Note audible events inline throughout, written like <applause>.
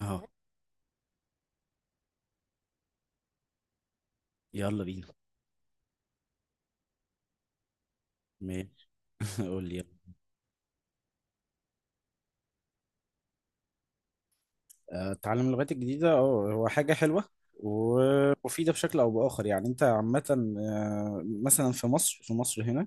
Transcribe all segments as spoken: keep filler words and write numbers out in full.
اه. يلا بينا. ماشي. <laughs> قول لي. آه، تعلم اللغات الجديدة اه هو حاجة حلوة ومفيدة بشكل أو بآخر، يعني أنت عامة. آه، مثلا في مصر في مصر هنا.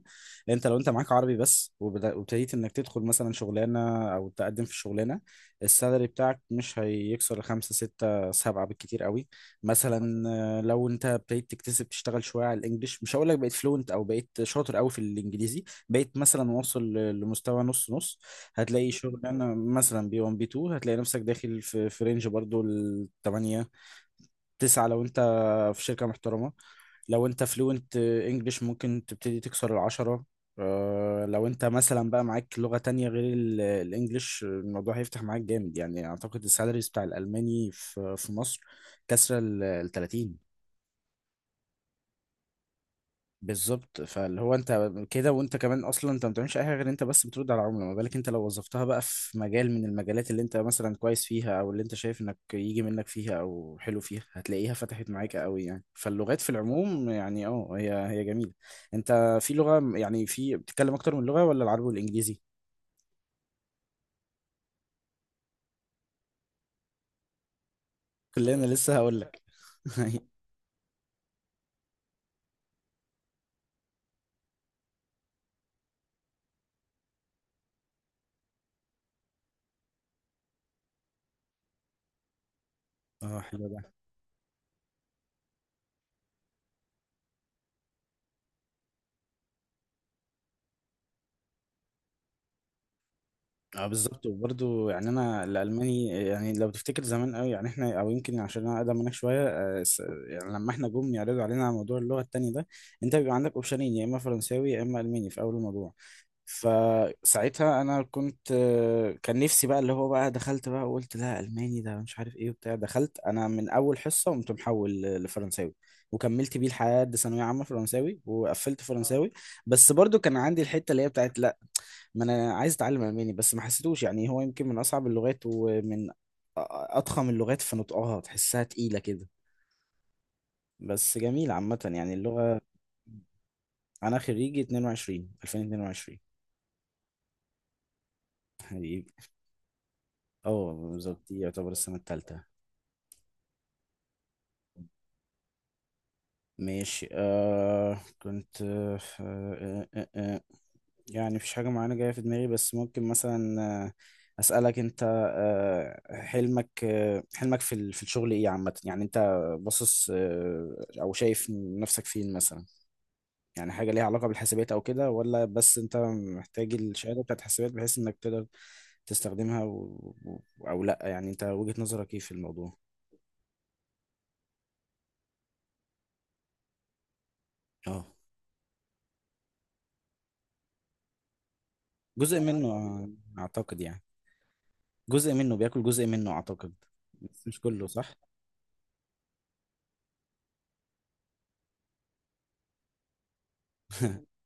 أنت لو أنت معاك عربي بس، وبدا- وابتديت إنك تدخل مثلا شغلانة أو تقدم في شغلانة، السالري بتاعك مش هيكسر خمسة ستة سبعة بالكتير قوي. مثلا آه، لو أنت ابتديت تكتسب، تشتغل شوية على الإنجليش، مش هقول لك بقيت فلوينت أو بقيت شاطر قوي في الإنجليزي، بقيت مثلا واصل لمستوى نص نص. هتلاقي شغلانه مثلا بي واحد بي اتنين، هتلاقي نفسك داخل في في رينج برضو ال ثمانية تسعة. لو انت في شركه محترمه، لو انت فلوينت انجلش ممكن تبتدي تكسر العشرة. آه، لو انت مثلا بقى معاك لغة تانية غير ال- الانجليش، الموضوع هيفتح معاك جامد يعني. اعتقد السالاريز بتاع الالماني في في مصر كسر ال ثلاثين. بالظبط، فاللي هو انت كده، وانت كمان اصلا انت ما بتعملش اي حاجه غير انت بس بترد على العملاء. ما بالك انت لو وظفتها بقى في مجال من المجالات اللي انت مثلا كويس فيها، او اللي انت شايف انك يجي منك فيها او حلو فيها، هتلاقيها فتحت معاك قوي يعني. فاللغات في العموم يعني اه هي هي جميله. انت في لغه، يعني في بتتكلم اكتر من لغه، ولا العربي والانجليزي؟ كلنا لسه هقول لك. <laughs> اه، حلو ده. اه بالظبط. وبرضه يعني انا الالماني، يعني لو تفتكر زمان قوي يعني احنا، او يمكن عشان انا اقدم منك شويه، آه، س- يعني لما احنا جم يعرضوا علينا على موضوع اللغه التاني ده، انت بيبقى عندك اوبشنين، يا اما فرنساوي يا اما الماني، في اول الموضوع. فساعتها انا كنت، آه، كان نفسي بقى اللي هو بقى دخلت بقى، وقلت لا الماني ده مش عارف ايه وبتاع، دخلت انا من اول حصه قمت محول ل- لفرنساوي، وكملت بيه لحد ثانويه عامه فرنساوي، وقفلت اه فرنساوي. بس برضو كان عندي الحته اللي هي بتاعت، ما انا عايز اتعلم الماني، بس ما حسيتوش. يعني هو يمكن من اصعب اللغات ومن أ- اضخم اللغات في نطقها، تحسها تقيلة كده، بس جميل عامة يعني اللغة. انا خريجي اتنين وعشرين ألفين واتنين وعشرين. حبيبي. اه بالظبط، دي يعتبر السنة التالتة. ماشي. آه كنت آه آه آه آه. يعني مفيش حاجة معينة جاية في دماغي، بس ممكن مثلا آه، أسألك أنت. آه، حلمك آه، حلمك في ال- في الشغل إيه عامة؟ يعني أنت باصص، آه، أو شايف نفسك فين مثلا؟ يعني حاجة ليها علاقة بالحاسبات أو كده، ولا بس أنت محتاج الشهادة بتاعت الحاسبات بحيث إنك تقدر تستخدمها، و... و- أو لأ؟ يعني أنت وجهة نظرك إيه في الموضوع؟ أه. جزء منه آه، أعتقد يعني، جزء منه بياكل جزء منه أعتقد. بس مش كله، صح؟ <laughs>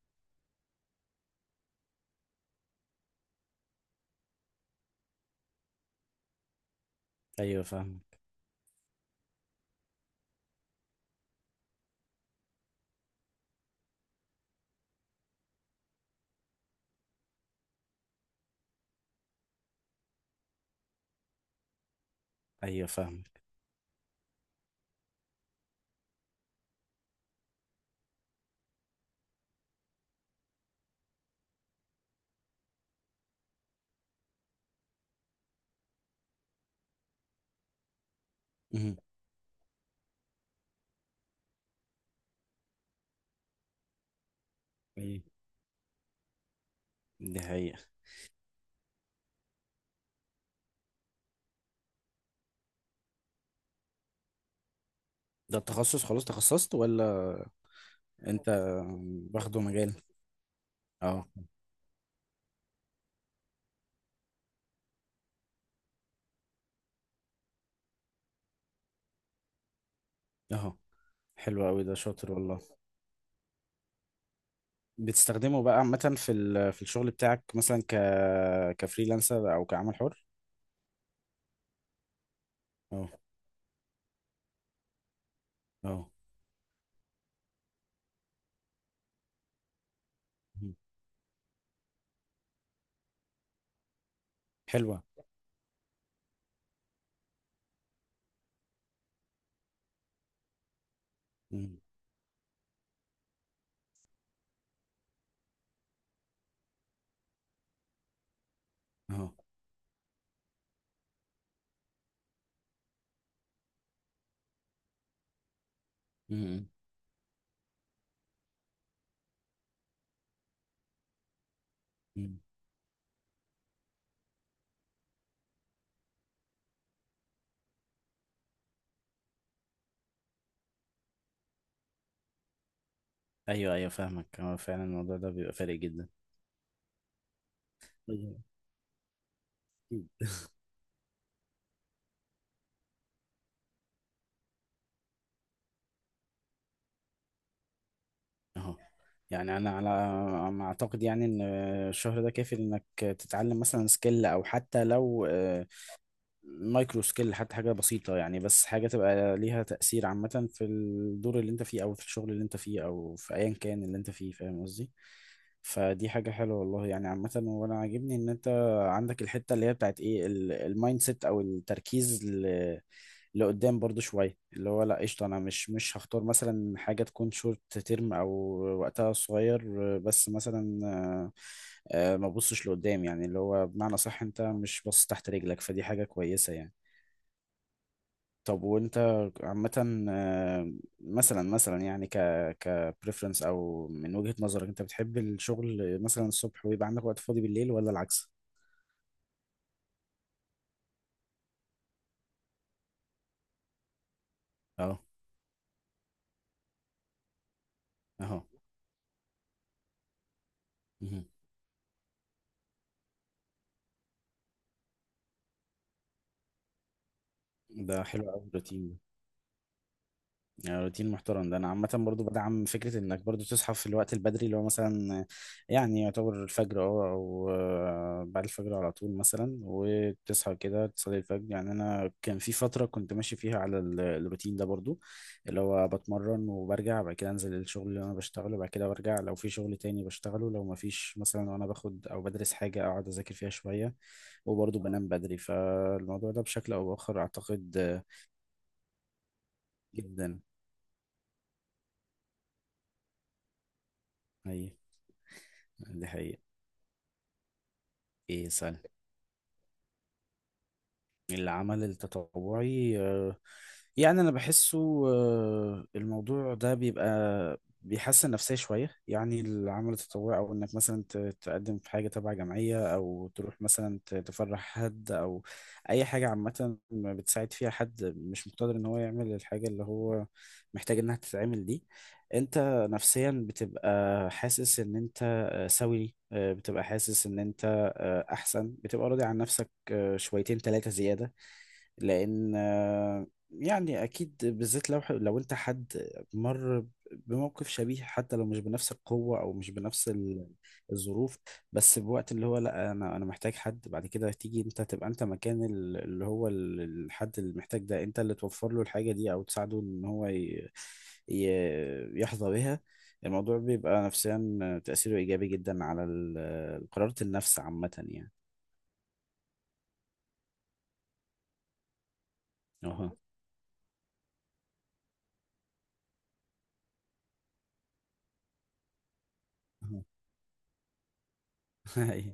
أيوه فاهمك. أيوه فاهمك. مم. دي حقيقة. ده التخصص، خلاص تخصصت؟ ولا انت واخده مجال؟ اه. اهو. حلو قوي ده، شاطر والله. بتستخدمه بقى عامة في ال- في الشغل بتاعك، مثلا ك كفريلانسر او كعمل حر؟ اه. اه. مم. حلوة. مم. اهو. مم. مم. ايوه ايوه فاهمك، هو فعلا الموضوع ده بيبقى فارق جدا. أيوة، أكيد. اهو. يعني انا على ما اعتقد، يعني ان الشهر ده كافي انك تتعلم مثلا سكيل، او حتى لو آه، مايكرو سكيل، حتى حاجة بسيطة يعني، بس حاجة تبقى ليها تأثير عامة في الدور اللي انت فيه، او في الشغل اللي انت فيه، او في ايا كان اللي انت فيه، فاهم قصدي؟ فدي حاجة حلوة والله يعني عامة. وانا عاجبني ان انت عندك الحتة اللي هي بتاعت ايه، المايند سيت او التركيز ل- لقدام برضو شوية، اللي هو لا قشطة، أنا مش مش هختار مثلا حاجة تكون شورت تيرم أو وقتها صغير، بس مثلا آه، آه، ما ببصش لقدام يعني، اللي هو بمعنى صح، أنت مش باصص تحت رجلك، فدي حاجة كويسة يعني. طب وأنت عامة، آه، مثلا مثلا يعني ك ك preference، أو من وجهة نظرك أنت بتحب الشغل مثلا الصبح، ويبقى عندك وقت فاضي بالليل، ولا العكس؟ أهو. أهو. مهم. ده حلو أوي الروتين ده. آه، روتين محترم ده. انا عامه برضو بدعم فكره انك برضو تصحى في الوقت البدري، اللي هو مثلا يعني يعتبر الفجر، اه او آه، بعد الفجر على طول مثلا، وتصحى كده تصلي الفجر. يعني انا كان في فتره كنت ماشي فيها على ال- الروتين ده برضو، اللي هو بتمرن وبرجع، بعد كده انزل الشغل اللي انا بشتغله، بعد كده برجع لو في شغل تاني بشتغله، لو ما فيش مثلا وانا باخد او بدرس حاجه، اقعد اذاكر فيها شويه، وبرضو بنام بدري. فالموضوع ده بشكل او باخر اعتقد آه، جدا. هي دي حقيقة. ايه سهل. العمل التطوعي آه، يعني انا بحسه، آه، الموضوع ده بيبقى بيحسن نفسية شوية يعني. العمل التطوعي او انك مثلا ت- تقدم في حاجة تبع جمعية، او تروح مثلا ت- تفرح حد، او اي حاجة عامة بتساعد فيها حد مش مقتدر ان هو يعمل الحاجة اللي هو محتاج انها تتعمل دي. انت نفسيا بتبقى حاسس ان انت، آه، سوي، آه، بتبقى حاسس ان انت آه، احسن، بتبقى راضي عن نفسك آه، شويتين ثلاثة زيادة. لأن آه، يعني أكيد، بالذات لو لو أنت حد مر بموقف شبيه، حتى لو مش بنفس القوة أو مش بنفس ال- الظروف. بس بوقت اللي هو لا، أنا أنا محتاج حد، بعد كده تيجي أنت تبقى أنت مكان ال- اللي هو ال- الحد اللي محتاج ده، أنت اللي توفر له الحاجة دي، أو تساعده إن هو ي- ي- يحظى بها. الموضوع بيبقى نفسيا تأثيره إيجابي جدا على ال- قرارة النفس عامة يعني. أها. <laughs> <laughs> أها.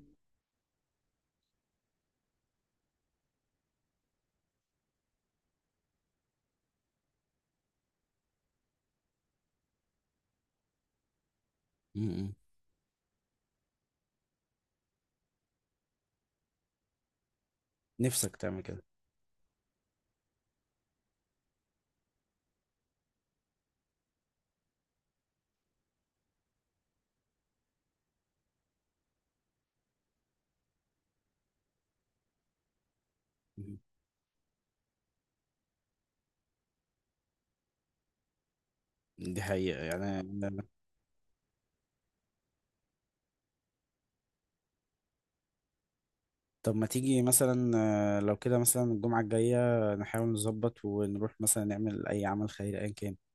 م-م. نفسك تعمل كده. م-م. دي حقيقة يعني. طب ما تيجي مثلا آه، لو كده مثلا الجمعة الجاية نحاول نظبط، ونروح مثلا نعمل أي عمل خيري أيا كان.